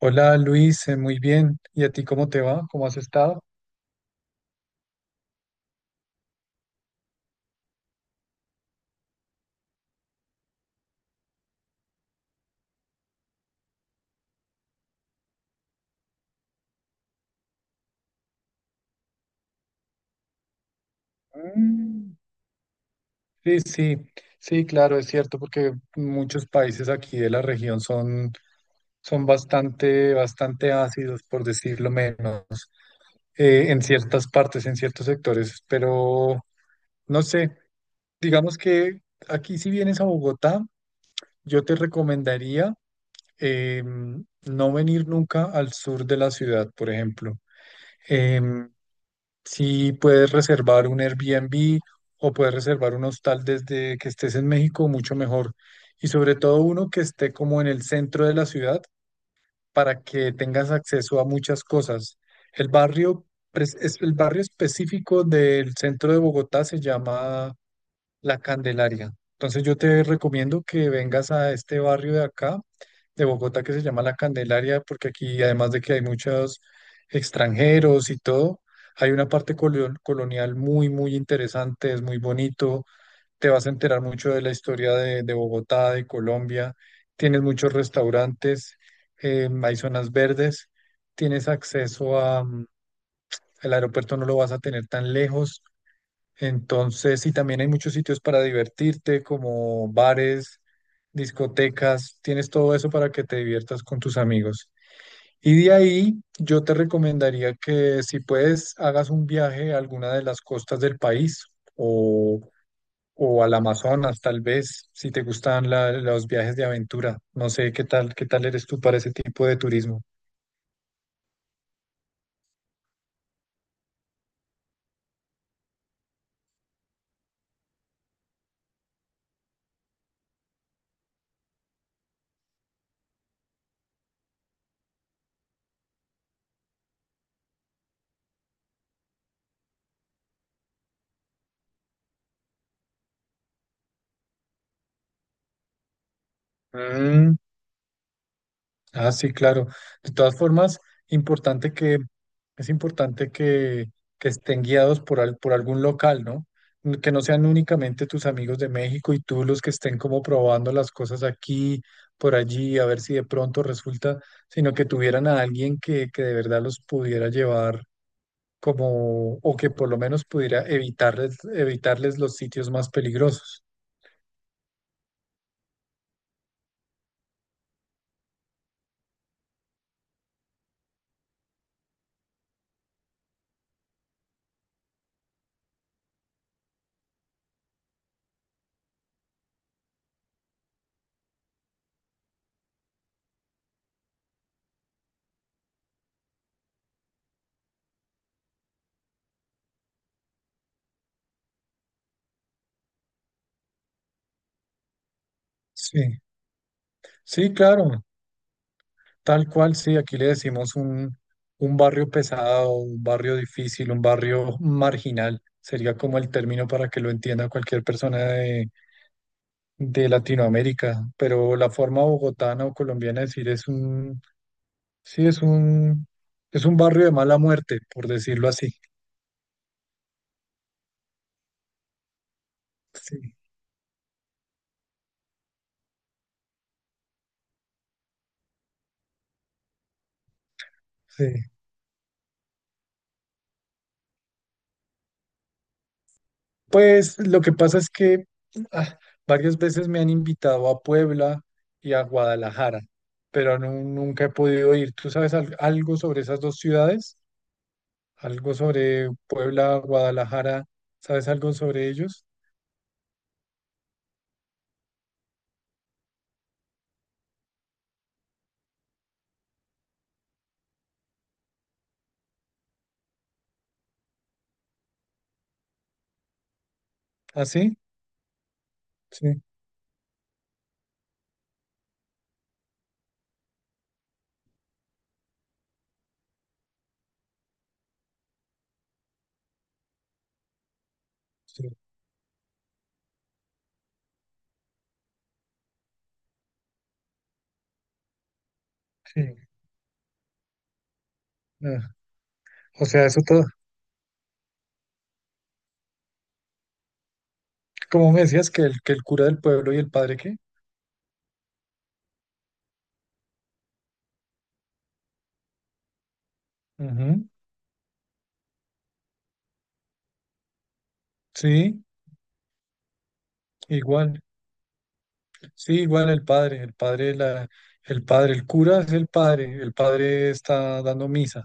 Hola Luis, muy bien. ¿Y a ti cómo te va? ¿Cómo has estado? Mm. Sí, sí, sí, claro, es cierto, porque muchos países aquí de la región son bastante, bastante ácidos, por decirlo menos, en ciertas partes, en ciertos sectores, pero no sé, digamos que aquí si vienes a Bogotá, yo te recomendaría no venir nunca al sur de la ciudad, por ejemplo. Em, Si puedes reservar un Airbnb o puedes reservar un hostal desde que estés en México, mucho mejor. Y sobre todo uno que esté como en el centro de la ciudad para que tengas acceso a muchas cosas. El barrio, es el barrio específico del centro de Bogotá se llama La Candelaria. Entonces yo te recomiendo que vengas a este barrio de acá, de Bogotá, que se llama La Candelaria, porque aquí, además de que hay muchos extranjeros y todo, hay una parte colonial muy, muy interesante, es muy bonito, te vas a enterar mucho de la historia de Bogotá, de Colombia, tienes muchos restaurantes, hay zonas verdes, tienes acceso a, el aeropuerto no lo vas a tener tan lejos. Entonces, y también hay muchos sitios para divertirte, como bares, discotecas, tienes todo eso para que te diviertas con tus amigos. Y de ahí yo te recomendaría que si puedes hagas un viaje a alguna de las costas del país o, o al Amazonas, tal vez, si te gustan los viajes de aventura. No sé qué tal eres tú para ese tipo de turismo. Mm. Ah, sí, claro. De todas formas, importante que, es importante que estén guiados por, por algún local, ¿no? Que no sean únicamente tus amigos de México y tú los que estén como probando las cosas aquí, por allí, a ver si de pronto resulta, sino que tuvieran a alguien que de verdad los pudiera llevar como, o que por lo menos pudiera evitarles los sitios más peligrosos. Sí, sí, claro. Tal cual, sí, aquí le decimos un, barrio pesado, un barrio difícil, un barrio marginal. Sería como el término para que lo entienda cualquier persona de Latinoamérica. Pero la forma bogotana o colombiana de decir es un, sí, es un barrio de mala muerte, por decirlo así. Sí, sí. Pues lo que pasa es que ah, varias veces me han invitado a Puebla y a Guadalajara, pero nunca he podido ir. ¿Tú sabes algo sobre esas dos ciudades? ¿Algo sobre Puebla, Guadalajara? ¿Sabes algo sobre ellos? ¿Ah, sí? Sí, sí, sí. Ah, o sea, eso todo. ¿Cómo me decías que que el cura del pueblo y el padre qué? Ujú. Sí, igual. Sí, igual el padre. El padre, el padre, el cura es el padre. El padre está dando misa.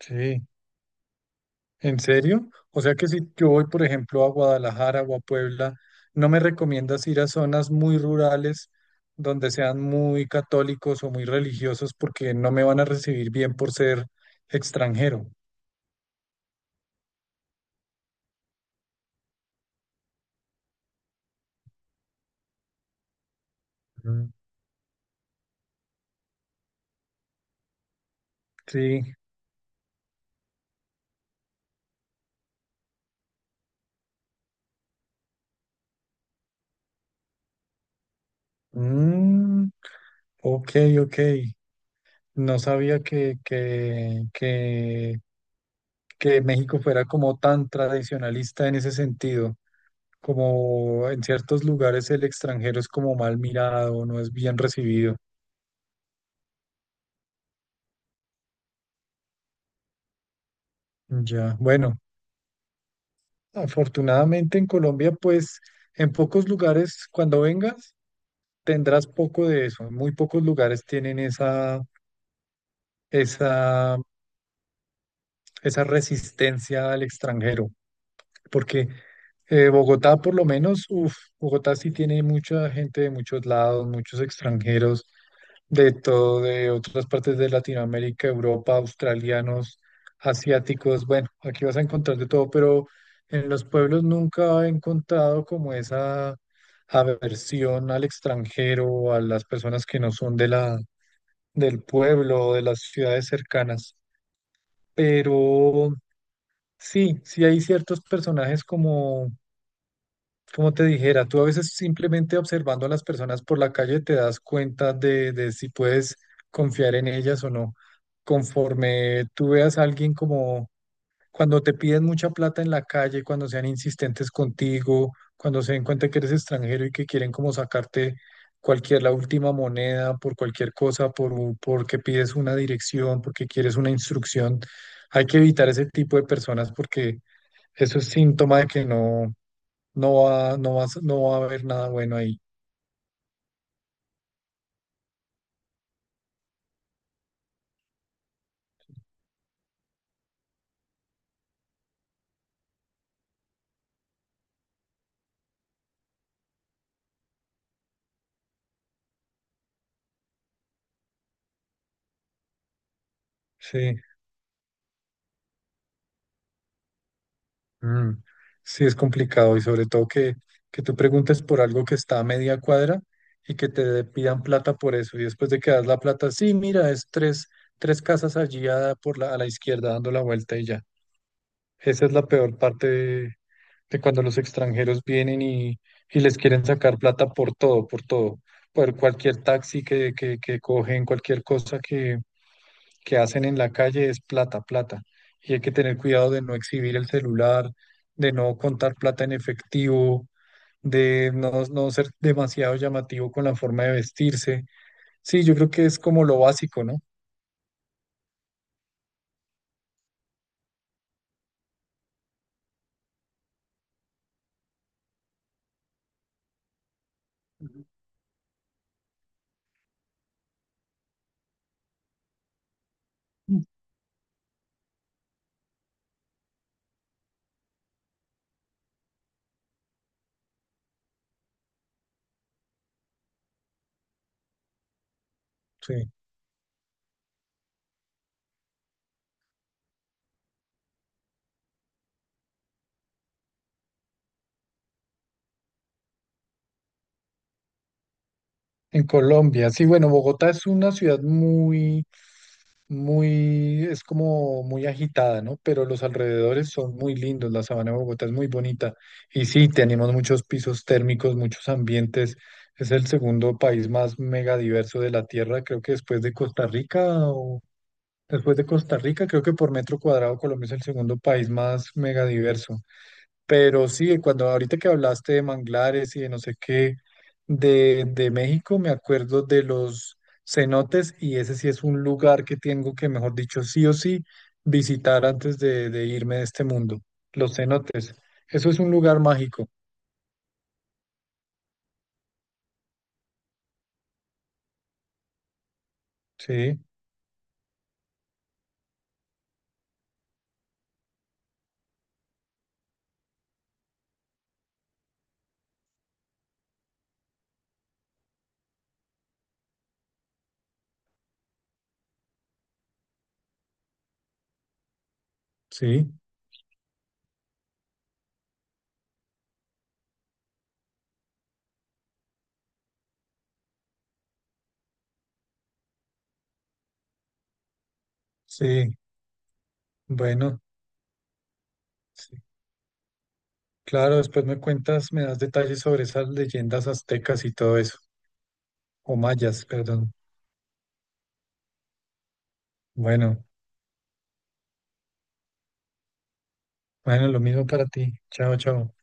Sí, ¿en serio? O sea que si yo voy, por ejemplo, a Guadalajara o a Puebla, ¿no me recomiendas ir a zonas muy rurales donde sean muy católicos o muy religiosos porque no me van a recibir bien por ser extranjero? Mm. Sí. Mm. Ok, ok. No sabía que México fuera como tan tradicionalista en ese sentido. Como en ciertos lugares el extranjero es como mal mirado, no es bien recibido. Ya, bueno, afortunadamente en Colombia, pues en pocos lugares cuando vengas tendrás poco de eso. Muy pocos lugares tienen esa, esa resistencia al extranjero, porque Bogotá por lo menos, uf, Bogotá sí tiene mucha gente de muchos lados, muchos extranjeros. De todo, de otras partes de Latinoamérica, Europa, australianos, asiáticos. Bueno, aquí vas a encontrar de todo, pero en los pueblos nunca he encontrado como esa aversión al extranjero, a las personas que no son del pueblo o de las ciudades cercanas. Pero sí, sí hay ciertos personajes como te dijera, tú a veces simplemente observando a las personas por la calle te das cuenta de si puedes confiar en ellas o no. Conforme tú veas a alguien como cuando te piden mucha plata en la calle, cuando sean insistentes contigo, cuando se den cuenta que eres extranjero y que quieren como sacarte la última moneda por cualquier cosa, por, porque pides una dirección, porque quieres una instrucción. Hay que evitar ese tipo de personas porque eso es síntoma de que no. No va a haber nada bueno ahí. Sí, mm, sí es complicado y sobre todo que tú preguntes por algo que está a media cuadra y que te pidan plata por eso y después de que das la plata, sí, mira, es tres casas allí a la izquierda dando la vuelta y ya. Esa es la peor parte de cuando los extranjeros vienen y les quieren sacar plata por todo, por todo, por cualquier taxi que cogen, cualquier cosa que hacen en la calle es plata, plata. Y hay que tener cuidado de no exhibir el celular, de no contar plata en efectivo, de no ser demasiado llamativo con la forma de vestirse. Sí, yo creo que es como lo básico, ¿no? Ujú. Sí. En Colombia, sí, bueno, Bogotá es una ciudad muy muy, es como muy agitada, ¿no? Pero los alrededores son muy lindos, la sabana de Bogotá es muy bonita. Y sí, tenemos muchos pisos térmicos, muchos ambientes. Es el segundo país más megadiverso de la Tierra, creo que después de Costa Rica, creo que por metro cuadrado Colombia es el segundo país más megadiverso. Pero sí, cuando ahorita que hablaste de manglares y de no sé qué, de México, me acuerdo de los cenotes y ese sí es un lugar que tengo que, mejor dicho, sí o sí visitar antes de irme de este mundo. Los cenotes. Eso es un lugar mágico. Sí, sí, sí. Bueno, sí. Claro, después me cuentas, me das detalles sobre esas leyendas aztecas y todo eso, o mayas, perdón. Bueno, bueno, lo mismo para ti. Chao, chao.